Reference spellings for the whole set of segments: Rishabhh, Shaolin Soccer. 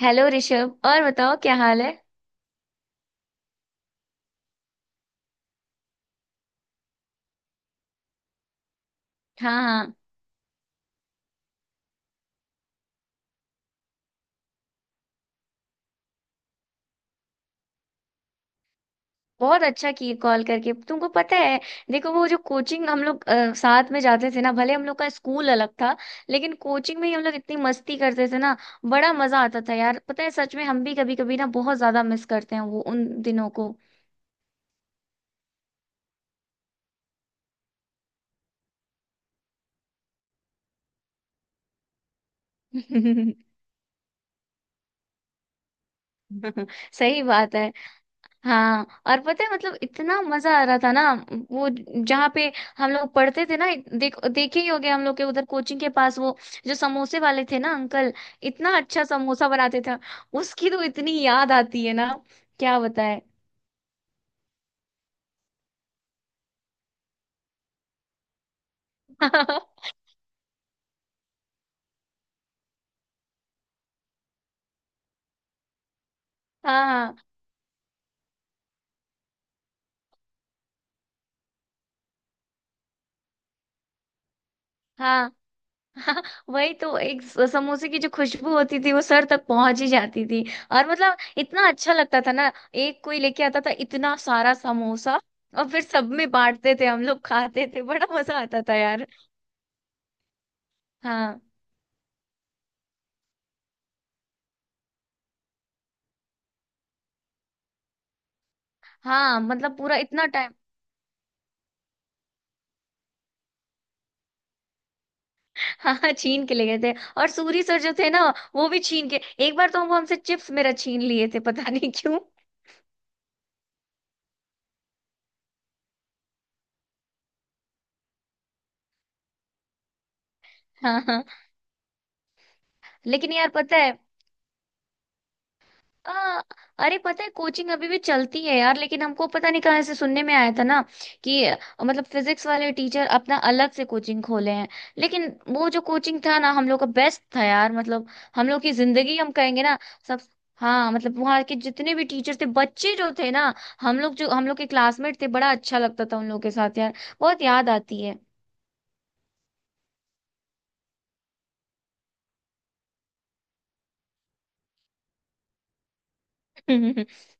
Hello Rishabh, और बताओ क्या हाल है। हाँ, हाँ। बहुत अच्छा किए कॉल करके, तुमको पता है। देखो वो जो कोचिंग हम लोग साथ में जाते थे ना, भले हम लोग का स्कूल अलग था, लेकिन कोचिंग में ही हम लोग इतनी मस्ती करते थे ना। बड़ा मजा आता था यार, पता है सच में हम भी कभी कभी ना बहुत ज्यादा मिस करते हैं वो उन दिनों को। सही बात है। हाँ, और पता है मतलब इतना मजा आ रहा था ना। वो जहाँ पे हम लोग पढ़ते थे ना, देखे ही होगे हम लोग के उधर कोचिंग के पास वो जो समोसे वाले थे ना अंकल, इतना अच्छा समोसा बनाते थे। उसकी तो इतनी याद आती है ना, क्या बताए। हाँ, हाँ, हाँ। हाँ, वही तो एक समोसे की जो खुशबू होती थी वो सर तक पहुंच ही जाती थी। और मतलब इतना अच्छा लगता था ना। एक कोई लेके आता था इतना सारा समोसा, और फिर सब में बांटते थे, हम लोग खाते थे, बड़ा मजा आता था यार। हाँ, हाँ, मतलब पूरा इतना टाइम। हाँ, हाँ, छीन के ले गए थे। और सूरी सर जो थे ना, वो भी छीन के। एक बार तो वो हमसे चिप्स मेरा छीन लिए थे, पता नहीं क्यों। हाँ, हाँ। लेकिन यार पता है। आ, अरे पता है कोचिंग अभी भी चलती है यार, लेकिन हमको पता नहीं कहाँ से सुनने में आया था ना कि मतलब फिजिक्स वाले टीचर अपना अलग से कोचिंग खोले हैं। लेकिन वो जो कोचिंग था ना हम लोग का, बेस्ट था यार, मतलब हम लोग की जिंदगी हम कहेंगे ना, सब। हाँ, मतलब वहाँ के जितने भी टीचर थे, बच्चे जो थे ना, हम लोग जो हम लोग के क्लासमेट थे, बड़ा अच्छा लगता था उन लोगों के साथ यार। बहुत याद आती है।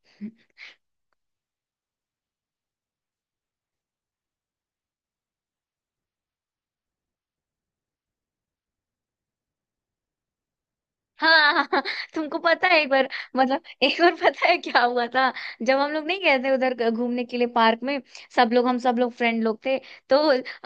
हाँ, हाँ, हाँ, तुमको पता है एक बार, मतलब एक बार पता है क्या हुआ था, जब हम लोग नहीं गए थे उधर घूमने के लिए पार्क में। सब लोग हम सब लोग फ्रेंड लोग थे तो,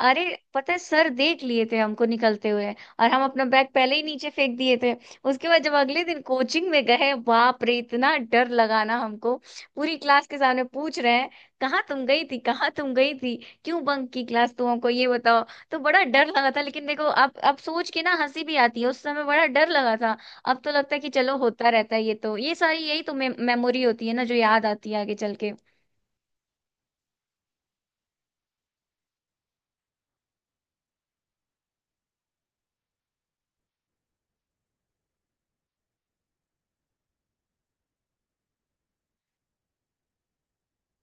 अरे पता है सर देख लिए थे हमको निकलते हुए, और हम अपना बैग पहले ही नीचे फेंक दिए थे। उसके बाद जब अगले दिन कोचिंग में गए, बाप रे इतना डर लगा ना हमको। पूरी क्लास के सामने पूछ रहे हैं, कहाँ तुम गई थी, कहाँ तुम गई थी, क्यों बंक की क्लास, तुम हमको ये बताओ। तो बड़ा डर लगा था, लेकिन देखो अब सोच के ना हंसी भी आती है, उस समय बड़ा डर लगा था। अब तो लगता है कि चलो होता रहता है, ये तो, ये सारी यही तो मे मेमोरी होती है ना जो याद आती है आगे चल के।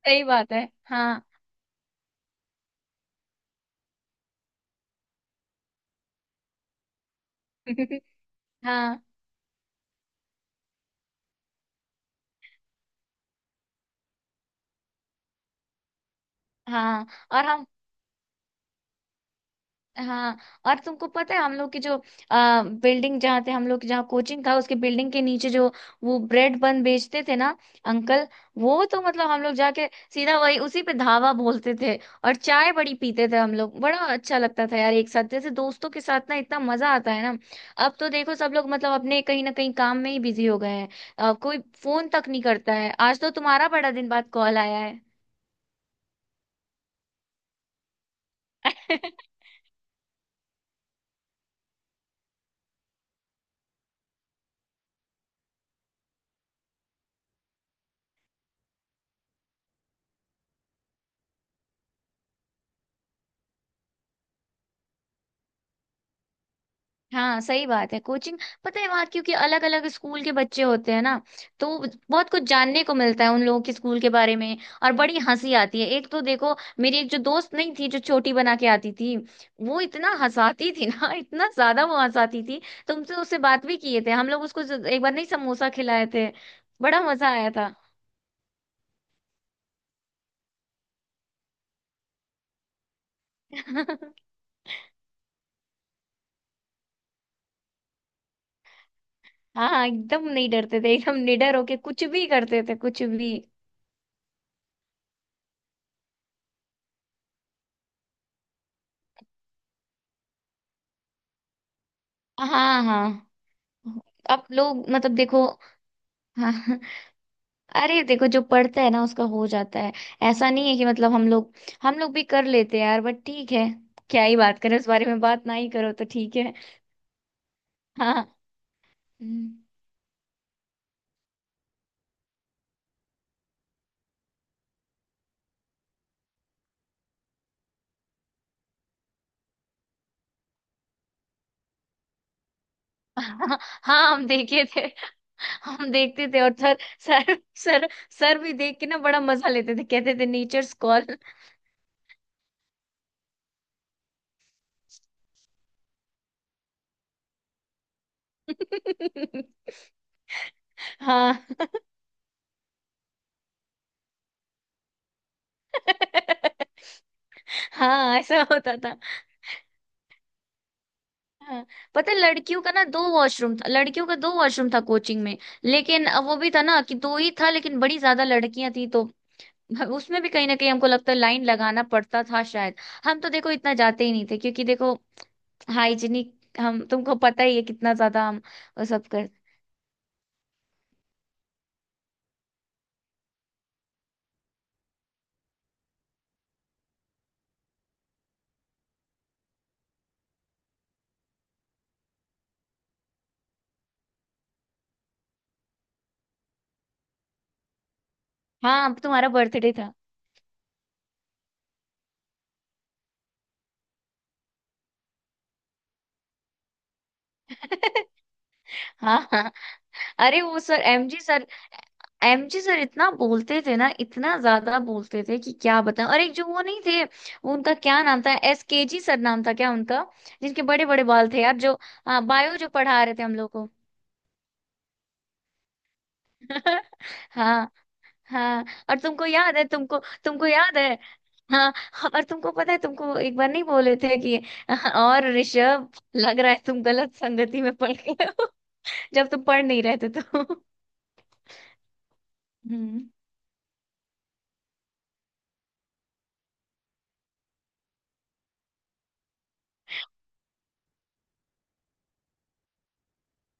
सही बात है। हाँ। हाँ, हाँ और हम। हाँ, और तुमको पता है हम लोग की जो बिल्डिंग जहाँ थे हम लोग की, जहाँ कोचिंग था, उसके बिल्डिंग के नीचे जो वो ब्रेड बन बेचते थे ना अंकल, वो तो मतलब हम लोग जाके सीधा वही उसी पे धावा बोलते थे। और चाय बड़ी पीते थे हम लोग, बड़ा अच्छा लगता था यार, एक साथ जैसे दोस्तों के साथ ना, इतना मजा आता है ना। अब तो देखो सब लोग मतलब अपने कहीं ना कहीं काम में ही बिजी हो गए हैं। कोई फोन तक नहीं करता है, आज तो तुम्हारा बड़ा दिन बाद कॉल आया है। हाँ, सही बात है। कोचिंग पता है वहाँ क्योंकि अलग अलग स्कूल के बच्चे होते हैं ना, तो बहुत कुछ जानने को मिलता है उन लोगों के स्कूल के बारे में। और बड़ी हंसी आती है, एक तो देखो मेरी एक जो दोस्त नहीं थी, जो चोटी बना के आती थी, वो इतना हंसाती थी ना इतना ज्यादा वो हंसाती थी। तुमसे उससे बात भी किए थे हम लोग, उसको एक बार नहीं समोसा खिलाए थे, बड़ा मजा आया था। हाँ, हाँ, एकदम नहीं डरते थे, एकदम निडर होके कुछ भी करते थे, कुछ भी। हाँ, हाँ, अब लोग मतलब देखो। हाँ। अरे देखो, जो पढ़ता है ना उसका हो जाता है। ऐसा नहीं है कि मतलब हम लोग भी कर लेते हैं यार, बट ठीक है। क्या ही बात करें, उस बारे में बात ना ही करो तो ठीक है। हाँ। हम्म। हाँ, हम देखे थे। हम देखते थे और सर सर सर सर भी देख के ना बड़ा मजा लेते थे, कहते थे नेचर्स कॉल। हाँ। हाँ, ऐसा होता था। हाँ, पता है लड़कियों का ना दो वॉशरूम था, लड़कियों का दो वॉशरूम था कोचिंग में। लेकिन अब वो भी था ना कि दो ही था, लेकिन बड़ी ज्यादा लड़कियां थी तो उसमें भी कहीं ना कहीं हमको लगता है लाइन लगाना पड़ता था शायद। हम तो देखो इतना जाते ही नहीं थे, क्योंकि देखो हाइजीनिक, हम, तुमको पता ही है कितना ज्यादा हम वो सब कर। हाँ, तुम्हारा बर्थडे था। हाँ, हाँ, अरे वो sir, MG sir. MG sir इतना बोलते थे ना, इतना ज्यादा बोलते थे कि क्या बताएं। और एक जो वो नहीं थे, वो उनका क्या नाम था, एसकेजी सर नाम था क्या उनका, जिनके बड़े बड़े बाल थे यार जो। हाँ, बायो जो पढ़ा रहे थे हम लोग को। हाँ, हाँ, और तुमको याद है, तुमको तुमको याद है। हाँ, और तुमको पता है, तुमको एक बार नहीं बोले थे कि और ऋषभ, लग रहा है तुम गलत संगति में पड़ गए हो जब तुम पढ़ नहीं रहे थे तो। हम्म।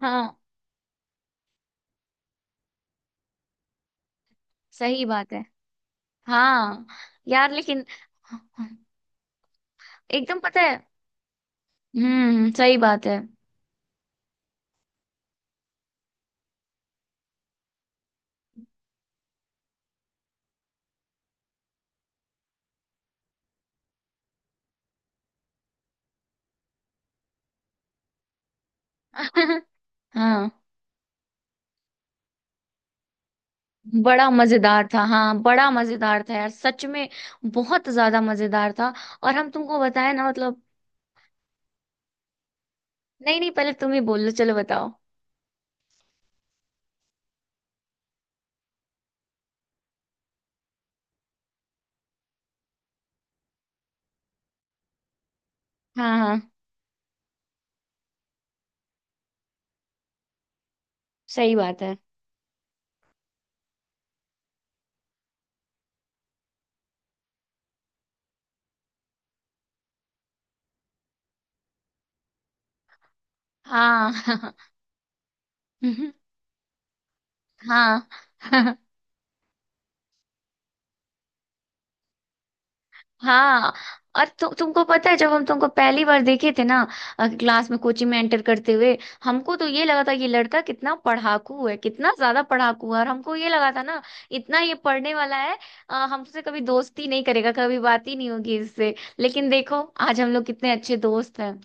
हाँ, सही बात है। हाँ यार, लेकिन एकदम पता है। हम्म, सही बात है। हाँ, बड़ा मजेदार था, हाँ, बड़ा मजेदार था यार, सच में बहुत ज्यादा मजेदार था। और हम तुमको बताए ना, मतलब नहीं नहीं, पहले तुम ही बोल लो, चलो बताओ। हाँ, हाँ, सही बात है। हाँ। हाँ। हाँ, और तुमको पता है जब हम तुमको पहली बार देखे थे ना क्लास में, कोचिंग में एंटर करते हुए, हमको तो ये लगा था ये लड़का कितना पढ़ाकू है, कितना ज्यादा पढ़ाकू है, और हमको ये लगा था ना इतना ये पढ़ने वाला है, हमसे कभी दोस्ती नहीं करेगा, कभी बात ही नहीं होगी इससे। लेकिन देखो, आज हम लोग कितने अच्छे दोस्त हैं।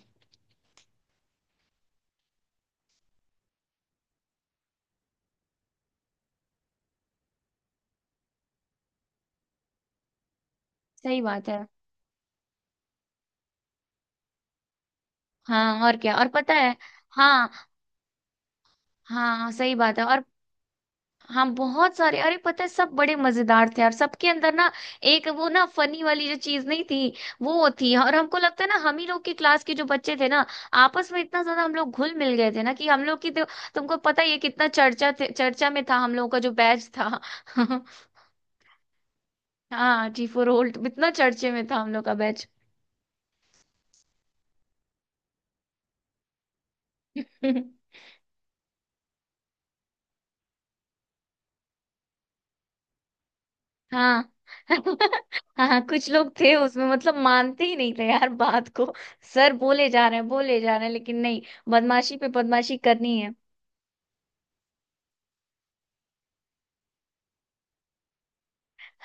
सही बात है। हाँ, और क्या, और पता है। हाँ, हाँ, सही बात है। और हाँ, बहुत सारे, अरे पता है सब बड़े मजेदार थे यार, सबके अंदर ना एक वो ना फनी वाली जो चीज नहीं थी, वो थी। और हमको लगता है ना हम ही लोग की क्लास के जो बच्चे थे ना, आपस में इतना ज्यादा हम लोग घुल मिल गए थे ना, कि हम लोग की तो, तुमको पता ही है कितना चर्चा में था हम लोग का जो बैच था। हाँ, जी फोर होल्ट, इतना चर्चे में था हम लोग का बैच। हाँ। हाँ, कुछ लोग थे उसमें, मतलब मानते ही नहीं थे यार बात को। सर बोले जा रहे हैं, बोले जा रहे हैं, लेकिन नहीं, बदमाशी पे बदमाशी करनी है।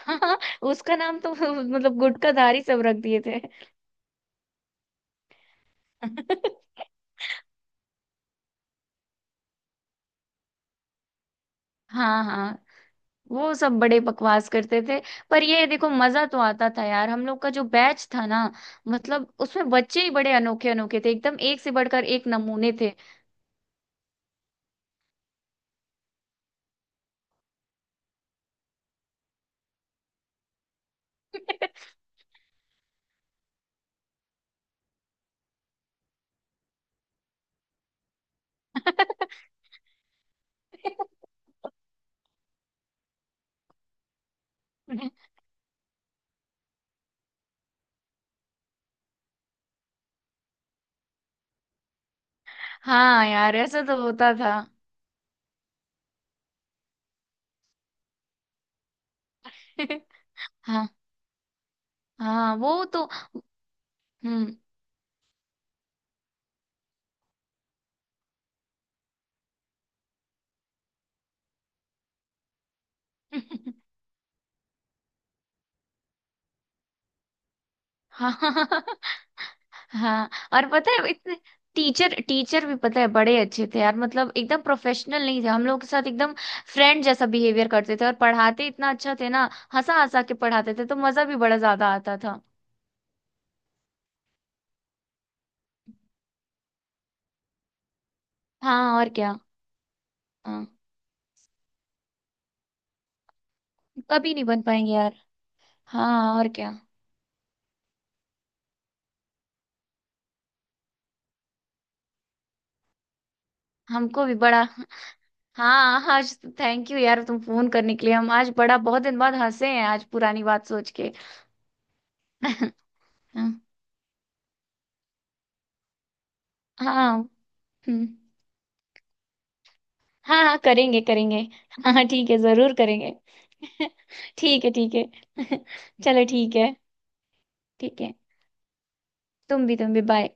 हाँ, उसका नाम तो मतलब गुटखाधारी सब रख दिए थे। हाँ, हाँ, वो सब बड़े बकवास करते थे। पर ये देखो, मजा तो आता था यार, हम लोग का जो बैच था ना, मतलब उसमें बच्चे ही बड़े अनोखे अनोखे थे, एकदम एक से बढ़कर एक नमूने थे। हाँ यार, ऐसा तो होता था। हाँ, हाँ, वो तो। हम्म। हाँ, हाँ, और पता है इतने टीचर टीचर भी पता है बड़े अच्छे थे यार, मतलब एकदम प्रोफेशनल नहीं थे हम लोग के साथ, एकदम फ्रेंड जैसा बिहेवियर करते थे, और पढ़ाते इतना अच्छा थे ना, हंसा हंसा के पढ़ाते थे तो मजा भी बड़ा ज्यादा आता था। हाँ, और क्या। हाँ, कभी नहीं बन पाएंगे यार। हाँ, और क्या। हमको भी बड़ा। हाँ आज, थैंक यू यार तुम फोन करने के लिए, हम आज बड़ा, बहुत दिन बाद हंसे हैं आज पुरानी बात सोच के। हाँ, हाँ। हम्म। हाँ, हाँ, करेंगे करेंगे। हाँ, हाँ, ठीक है, जरूर करेंगे। ठीक है, ठीक है। चलो ठीक है। ठीक है, तुम भी, तुम भी, बाय।